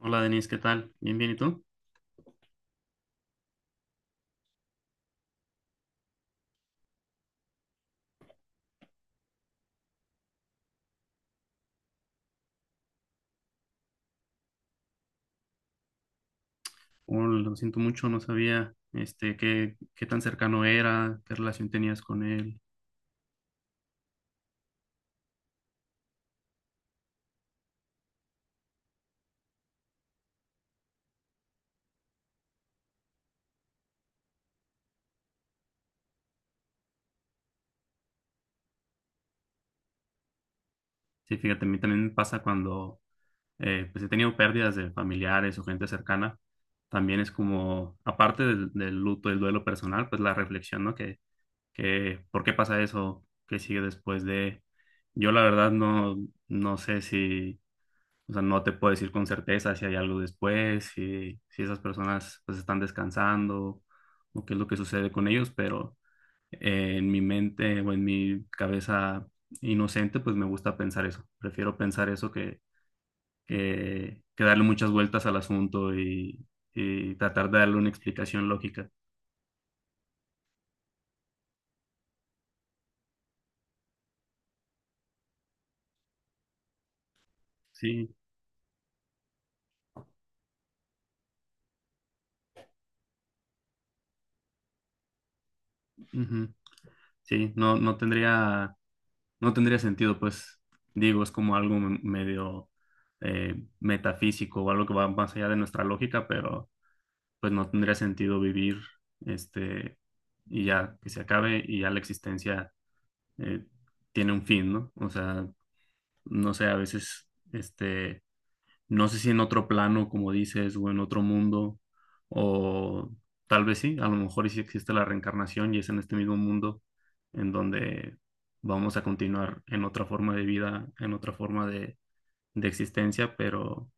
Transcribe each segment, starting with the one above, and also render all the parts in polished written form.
Hola Denise, ¿qué tal? Bien, bien, ¿y tú? Oh, lo siento mucho, no sabía qué, qué tan cercano era, qué relación tenías con él. Sí, fíjate, a mí también me pasa cuando pues he tenido pérdidas de familiares o gente cercana. También es como, aparte del luto, del duelo personal, pues la reflexión, ¿no? ¿Por qué pasa eso? ¿Qué sigue después de? Yo la verdad no sé si. O sea, no te puedo decir con certeza si hay algo después, si esas personas pues están descansando o qué es lo que sucede con ellos, pero en mi mente o en mi cabeza inocente pues me gusta pensar eso. Prefiero pensar eso que darle muchas vueltas al asunto y tratar de darle una explicación lógica. Sí, ujú. Sí, no tendría sentido, pues digo, es como algo medio metafísico o algo que va más allá de nuestra lógica, pero pues no tendría sentido vivir este y ya que se acabe y ya la existencia eh, tiene un fin, ¿no? O sea, no sé, a veces no sé si en otro plano, como dices, o en otro mundo, o tal vez sí, a lo mejor y sí existe la reencarnación y es en este mismo mundo en donde vamos a continuar en otra forma de vida, en otra forma de existencia, pero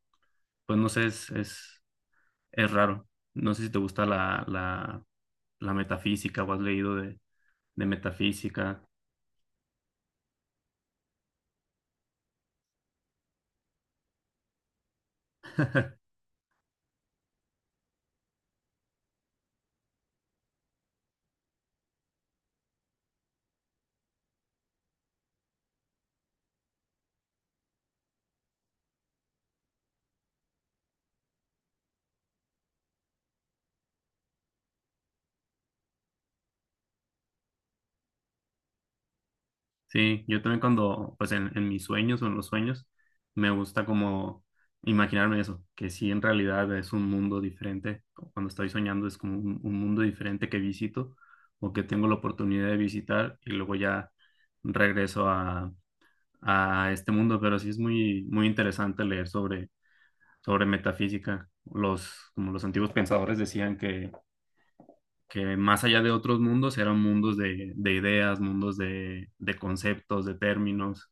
pues no sé, es raro. No sé si te gusta la metafísica o has leído de metafísica. Sí, yo también cuando, pues en mis sueños o en los sueños, me gusta como imaginarme eso, que sí en realidad es un mundo diferente. Cuando estoy soñando es como un mundo diferente que visito o que tengo la oportunidad de visitar y luego ya regreso a este mundo. Pero sí es muy, muy interesante leer sobre metafísica. Los, como los antiguos pensadores decían que más allá de otros mundos eran mundos de ideas, mundos de conceptos, de términos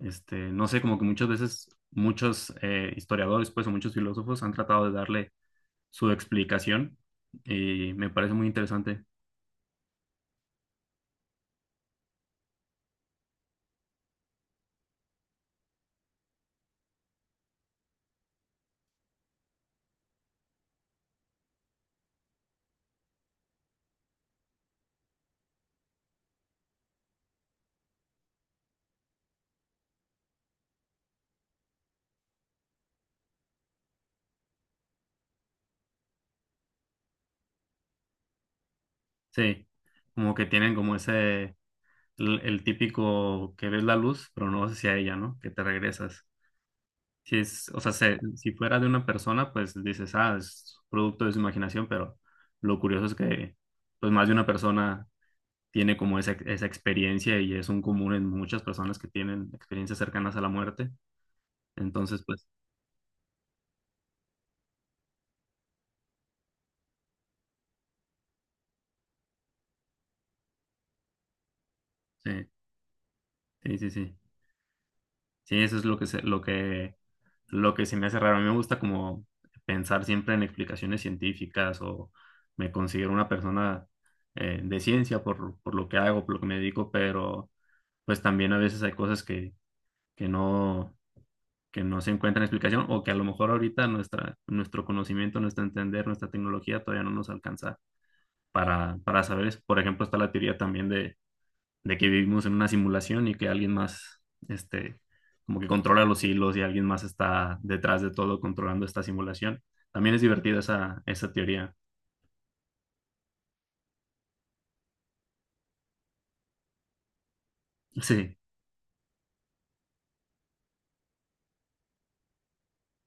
no sé, como que muchas veces muchos historiadores, pues, o muchos filósofos han tratado de darle su explicación y me parece muy interesante. Sí, como que tienen como ese, el típico que ves la luz, pero no vas hacia ella, ¿no? Que te regresas. Si es, o sea, si fuera de una persona, pues dices, ah, es producto de su imaginación, pero lo curioso es pues, más de una persona tiene como esa experiencia y es un común en muchas personas que tienen experiencias cercanas a la muerte. Entonces, pues, sí, sí, sí, sí. Sí, eso es lo que lo que se me hace raro. A mí me gusta como pensar siempre en explicaciones científicas o me considero una persona de ciencia por lo que hago, por lo que me dedico, pero pues también a veces hay cosas que no, que no se encuentran explicación o que a lo mejor ahorita nuestro conocimiento, nuestro entender, nuestra tecnología todavía no nos alcanza para saber eso. Por ejemplo, está la teoría también de que vivimos en una simulación y que alguien más, este, como que controla los hilos y alguien más está detrás de todo controlando esta simulación. También es divertida esa teoría. Sí,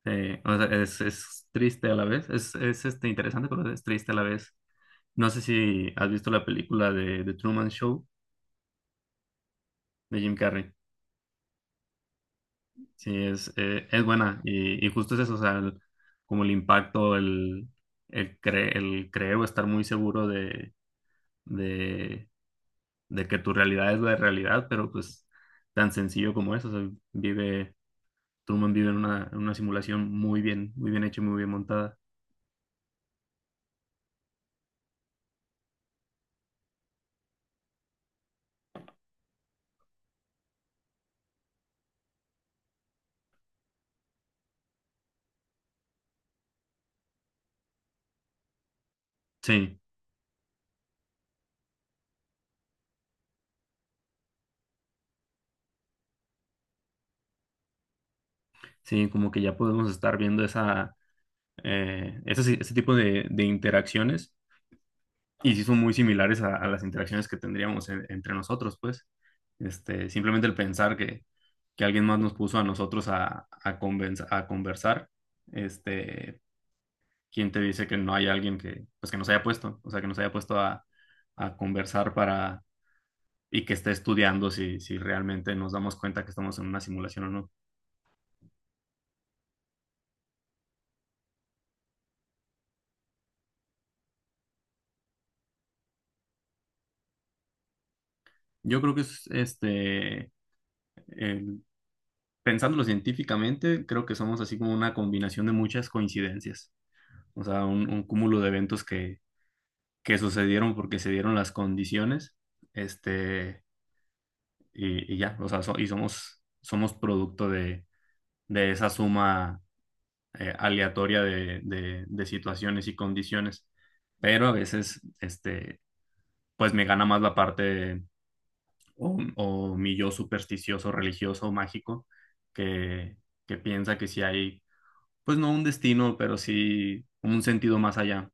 o sea, es triste a la vez, interesante, pero es triste a la vez. No sé si has visto la película de The Truman Show de Jim Carrey. Sí, es buena y justo es eso, o sea, como el impacto, el creo estar muy seguro de de que tu realidad es la realidad, pero pues tan sencillo como eso, o sea, Truman vive en una simulación muy bien hecha y muy bien montada. Sí, sí, como que ya podemos estar viendo ese tipo de interacciones y sí son muy similares a las interacciones que tendríamos entre nosotros, pues. Este, simplemente el pensar que alguien más nos puso a nosotros a conversar, este, ¿quién te dice que no hay alguien que, pues que nos haya puesto? O sea, que nos haya puesto a conversar para, y que esté estudiando si, si realmente nos damos cuenta que estamos en una simulación o no. Yo creo que es, este, el- pensándolo científicamente, creo que somos así como una combinación de muchas coincidencias. O sea, un cúmulo de eventos que sucedieron porque se dieron las condiciones, este, y ya, o sea, y somos producto de esa suma aleatoria de situaciones y condiciones, pero a veces, este, pues me gana más la parte o mi yo supersticioso, religioso, mágico, que, que piensa que sí hay, pues no un destino, pero sí un sentido más allá.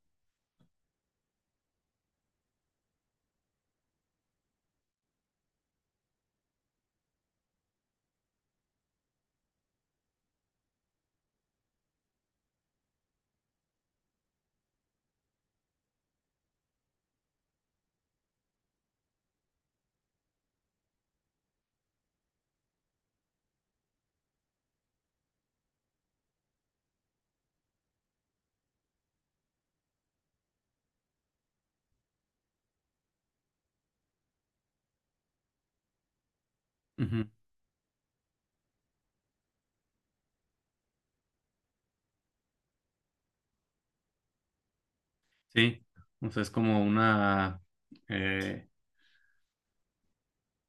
Ujú. Sí, entonces es como una, eh,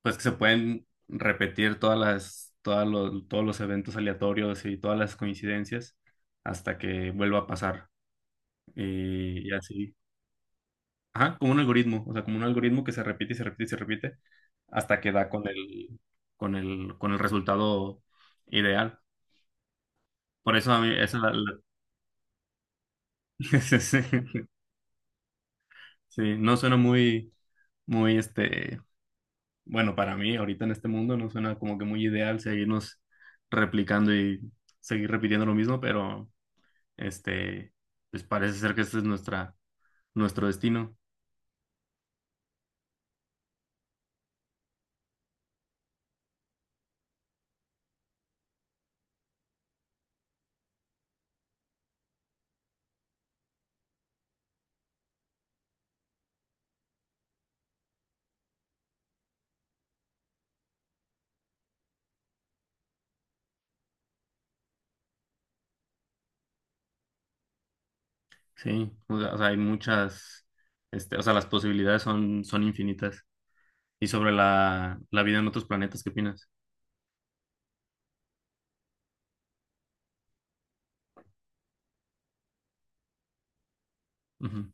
pues que se pueden repetir todas las, todas los, todos los eventos aleatorios y todas las coincidencias hasta que vuelva a pasar. Eh, y así. Ajá, como un algoritmo, o sea, como un algoritmo que se repite y se repite y se repite hasta que da con el resultado ideal. Por eso a mí, sí, sí. Sí, no suena muy, muy, este, bueno, para mí ahorita en este mundo no suena como que muy ideal seguirnos replicando y seguir repitiendo lo mismo, pero, este, pues parece ser que este es nuestro destino. Sí, o sea, hay muchas, este, o sea, las posibilidades son infinitas. Y sobre la vida en otros planetas, ¿qué opinas? Ujú,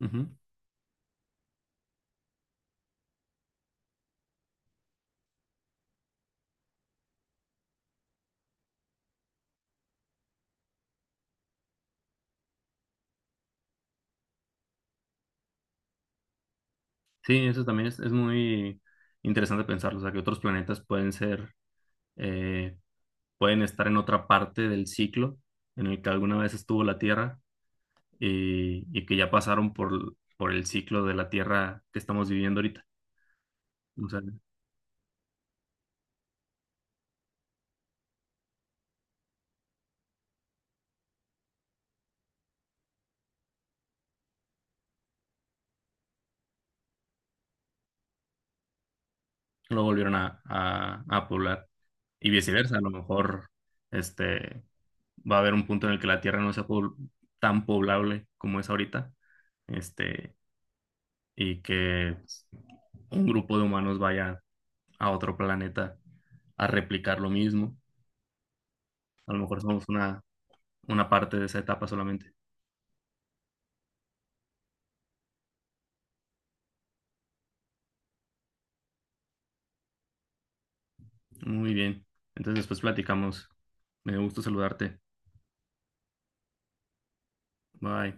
ujú. Sí, eso también es muy interesante pensarlo, o sea, que otros planetas pueden ser, eh, pueden estar en otra parte del ciclo en el que alguna vez estuvo la Tierra y que ya pasaron por el ciclo de la Tierra que estamos viviendo ahorita. O sea, lo volvieron a poblar. Y viceversa, a lo mejor, este, va a haber un punto en el que la Tierra no sea po- tan poblable como es ahorita, este, y que pues, un grupo de humanos vaya a otro planeta a replicar lo mismo. A lo mejor somos una parte de esa etapa solamente. Muy bien. Entonces después platicamos. Me dio gusto saludarte. Bye.